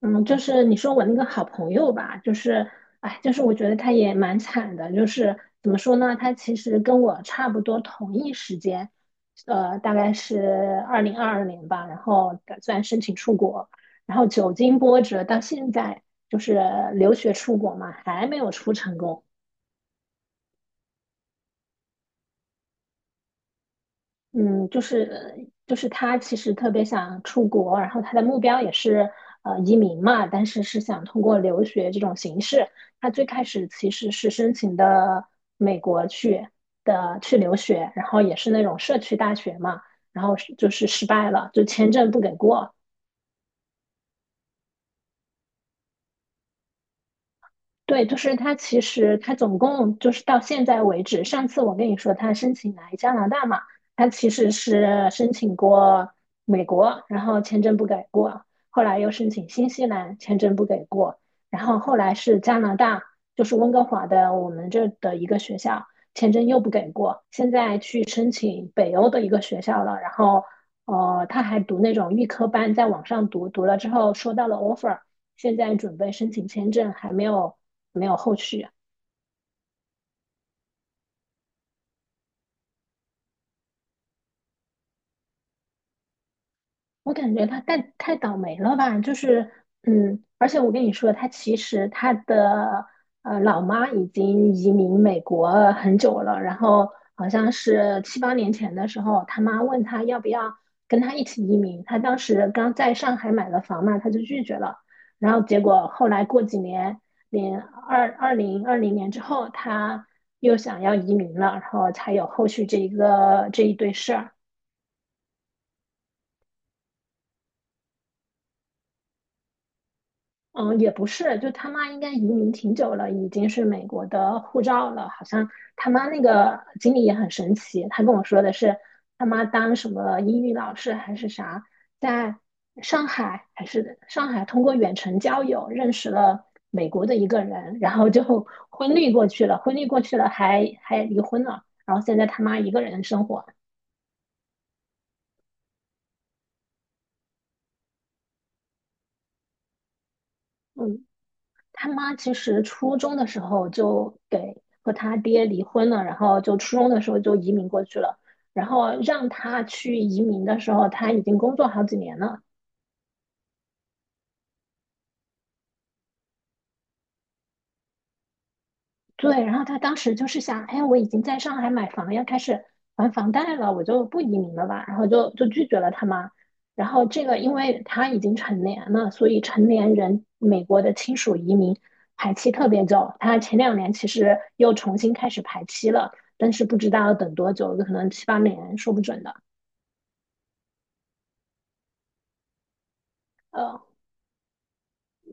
嗯，就是你说我那个好朋友吧，就是我觉得他也蛮惨的，就是怎么说呢，他其实跟我差不多同一时间，大概是2022年吧，然后打算申请出国，然后久经波折，到现在就是留学出国嘛，还没有出成功。嗯，就是他其实特别想出国，然后他的目标也是移民嘛，但是是想通过留学这种形式。他最开始其实是申请的美国去的去留学，然后也是那种社区大学嘛，然后失败了，就签证不给过。对，就是他其实他总共就是到现在为止，上次我跟你说他申请来加拿大嘛，他其实是申请过美国，然后签证不给过，后来又申请新西兰，签证不给过，然后后来是加拿大，就是温哥华的我们这的一个学校，签证又不给过，现在去申请北欧的一个学校了，然后他还读那种预科班，在网上读，读了之后收到了 offer。现在准备申请签证，还没有没有后续啊。我感觉他太倒霉了吧，就是，嗯，而且我跟你说，他其实他的老妈已经移民美国很久了，然后好像是七八年前的时候，他妈问他要不要跟他一起移民，他当时刚在上海买了房嘛，他就拒绝了，然后结果后来过几年，2020年之后，他又想要移民了，然后才有后续这一堆事儿。嗯，也不是，就他妈应该移民挺久了，已经是美国的护照了。好像他妈那个经历也很神奇，他跟我说的是他妈当什么英语老师还是啥，在上海通过远程交友认识了美国的一个人，然后就 婚绿过去了，婚绿过去了还离婚了，然后现在他妈一个人生活。嗯。他妈其实初中的时候就给和他爹离婚了，然后就初中的时候就移民过去了，然后让他去移民的时候，他已经工作好几年了。对，然后他当时就是想，哎呀我已经在上海买房，要开始还房贷了，我就不移民了吧，然后就拒绝了他妈。然后这个，因为他已经成年了，所以成年人美国的亲属移民排期特别久。他前两年其实又重新开始排期了，但是不知道要等多久，可能七八年，说不准的。呃，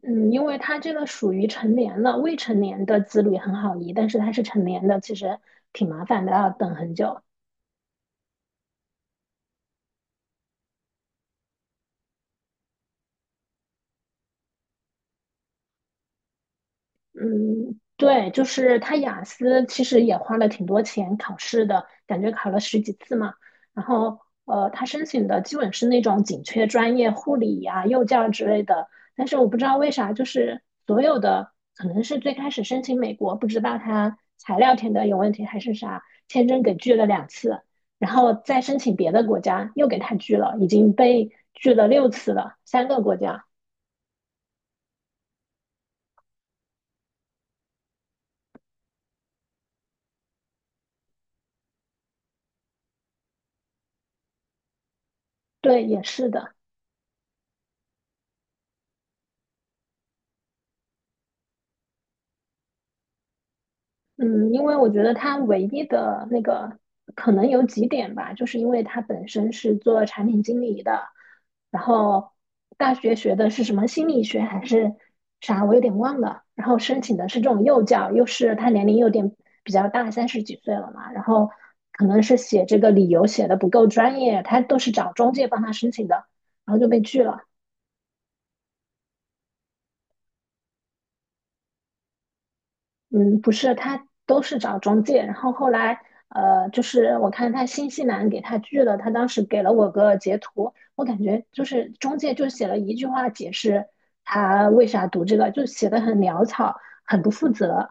嗯，因为他这个属于成年了，未成年的子女很好移，但是他是成年的，其实挺麻烦的，要等很久。嗯，对，就是他雅思其实也花了挺多钱考试的，感觉考了10几次嘛。然后他申请的基本是那种紧缺专业，护理呀、幼教之类的。但是我不知道为啥，就是所有的可能是最开始申请美国，不知道他材料填的有问题还是啥，签证给拒了2次，然后再申请别的国家又给他拒了，已经被拒了6次了，3个国家。对，也是的。嗯，因为我觉得他唯一的那个可能有几点吧，就是因为他本身是做产品经理的，然后大学学的是什么心理学还是啥，我有点忘了。然后申请的是这种幼教，又是他年龄有点比较大，30几岁了嘛，然后可能是写这个理由写的不够专业，他都是找中介帮他申请的，然后就被拒了。嗯，不是，他都是找中介，然后后来，就是我看他新西兰给他拒了，他当时给了我个截图，我感觉就是中介就写了一句话解释他为啥读这个，就写的很潦草，很不负责。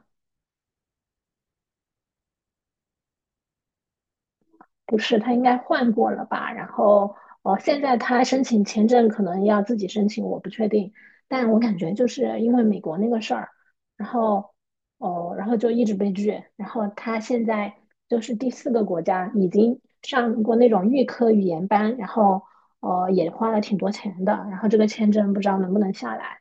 不是，他应该换过了吧？然后，现在他申请签证可能要自己申请，我不确定。但我感觉就是因为美国那个事儿，然后，哦、然后就一直被拒。然后他现在就是第4个国家，已经上过那种预科语言班，然后，也花了挺多钱的。然后这个签证不知道能不能下来。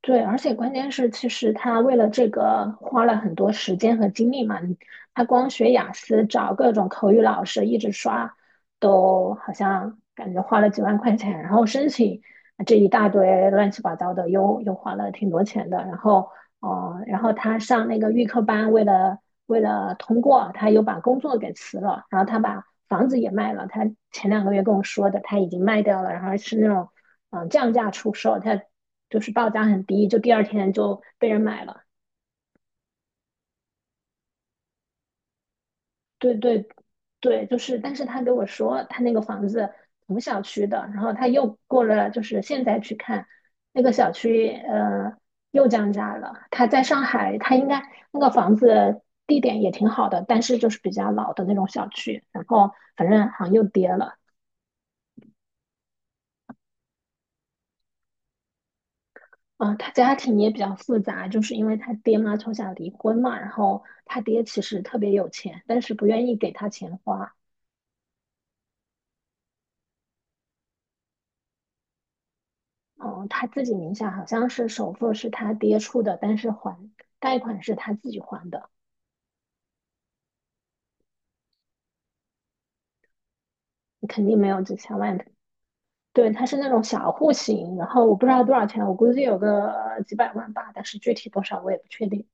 对，而且关键是，其实他为了这个花了很多时间和精力嘛。他光学雅思，找各种口语老师一直刷，都好像感觉花了几万块钱。然后申请这一大堆乱七八糟的，又花了挺多钱的。然后然后他上那个预科班，为了通过，他又把工作给辞了，然后他把房子也卖了。他前两个月跟我说的，他已经卖掉了，然后是那种降价出售，他就是报价很低，就第2天就被人买了。对对对，就是，但是他给我说，他那个房子同小区的，然后他又过了，就是现在去看那个小区，又降价了。他在上海，他应该那个房子地点也挺好的，但是就是比较老的那种小区，然后反正好像又跌了。他家庭也比较复杂，就是因为他爹妈从小离婚嘛，然后他爹其实特别有钱，但是不愿意给他钱花。哦，他自己名下好像是首付是他爹出的，但是还贷款是他自己还的，肯定没有几千万的。对，他是那种小户型，然后我不知道多少钱，我估计有个几百万吧，但是具体多少我也不确定。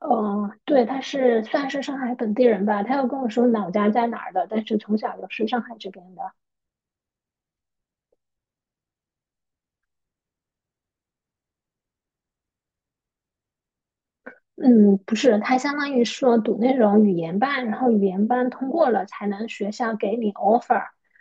嗯、对，他是算是上海本地人吧，他又跟我说老家在哪儿的，但是从小就是上海这边的。嗯，不是，它相当于说读那种语言班，然后语言班通过了才能学校给你 offer,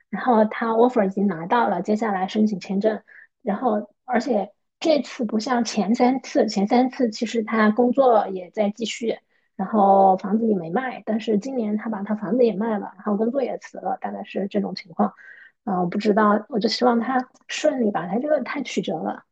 然后他 offer 已经拿到了，接下来申请签证，然后而且这次不像前三次，前三次其实他工作也在继续，然后房子也没卖，但是今年他把他房子也卖了，然后工作也辞了，大概是这种情况，我不知道，我就希望他顺利吧，他这个太曲折了。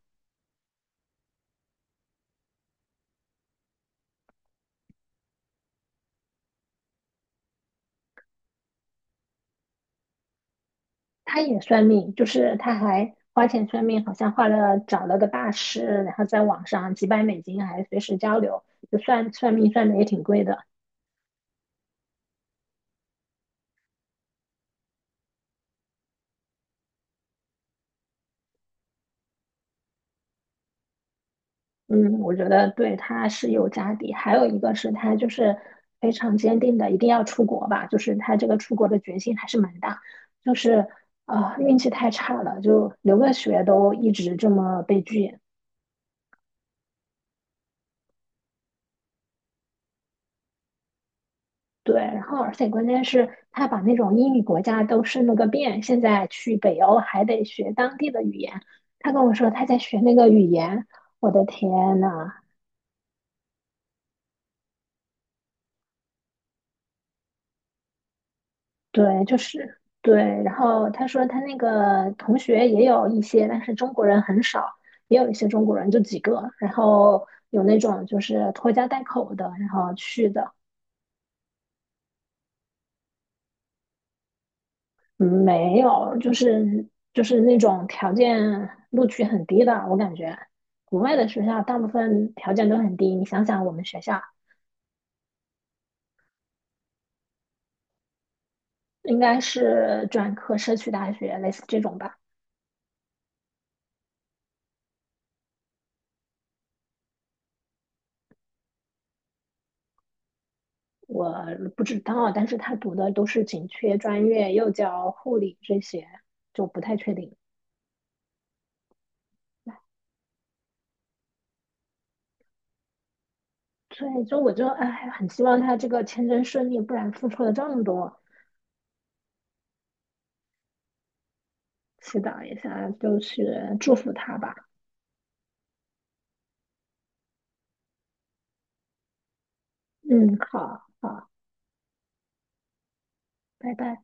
他也算命，就是他还花钱算命，好像花了找了个大师，然后在网上几百美金还随时交流，就算算命算的也挺贵的。嗯，我觉得对他是有家底，还有一个是他就是非常坚定的一定要出国吧，就是他这个出国的决心还是蛮大，就是运气太差了，就留个学都一直这么被拒。对，然后而且关键是，他把那种英语国家都渗了个遍，现在去北欧还得学当地的语言。他跟我说他在学那个语言，我的天呐，对，就是对。然后他说他那个同学也有一些，但是中国人很少，也有一些中国人就几个，然后有那种就是拖家带口的，然后去的。嗯没有，就是那种条件录取很低的，我感觉国外的学校大部分条件都很低。你想想，我们学校应该是专科社区大学，类似这种吧？我不知道，但是他读的都是紧缺专业，幼教、护理这些，就不太确定。所以就我就哎，很希望他这个签证顺利，不然付出了这么多，祈祷一下，就是祝福他吧。嗯，好好，拜拜。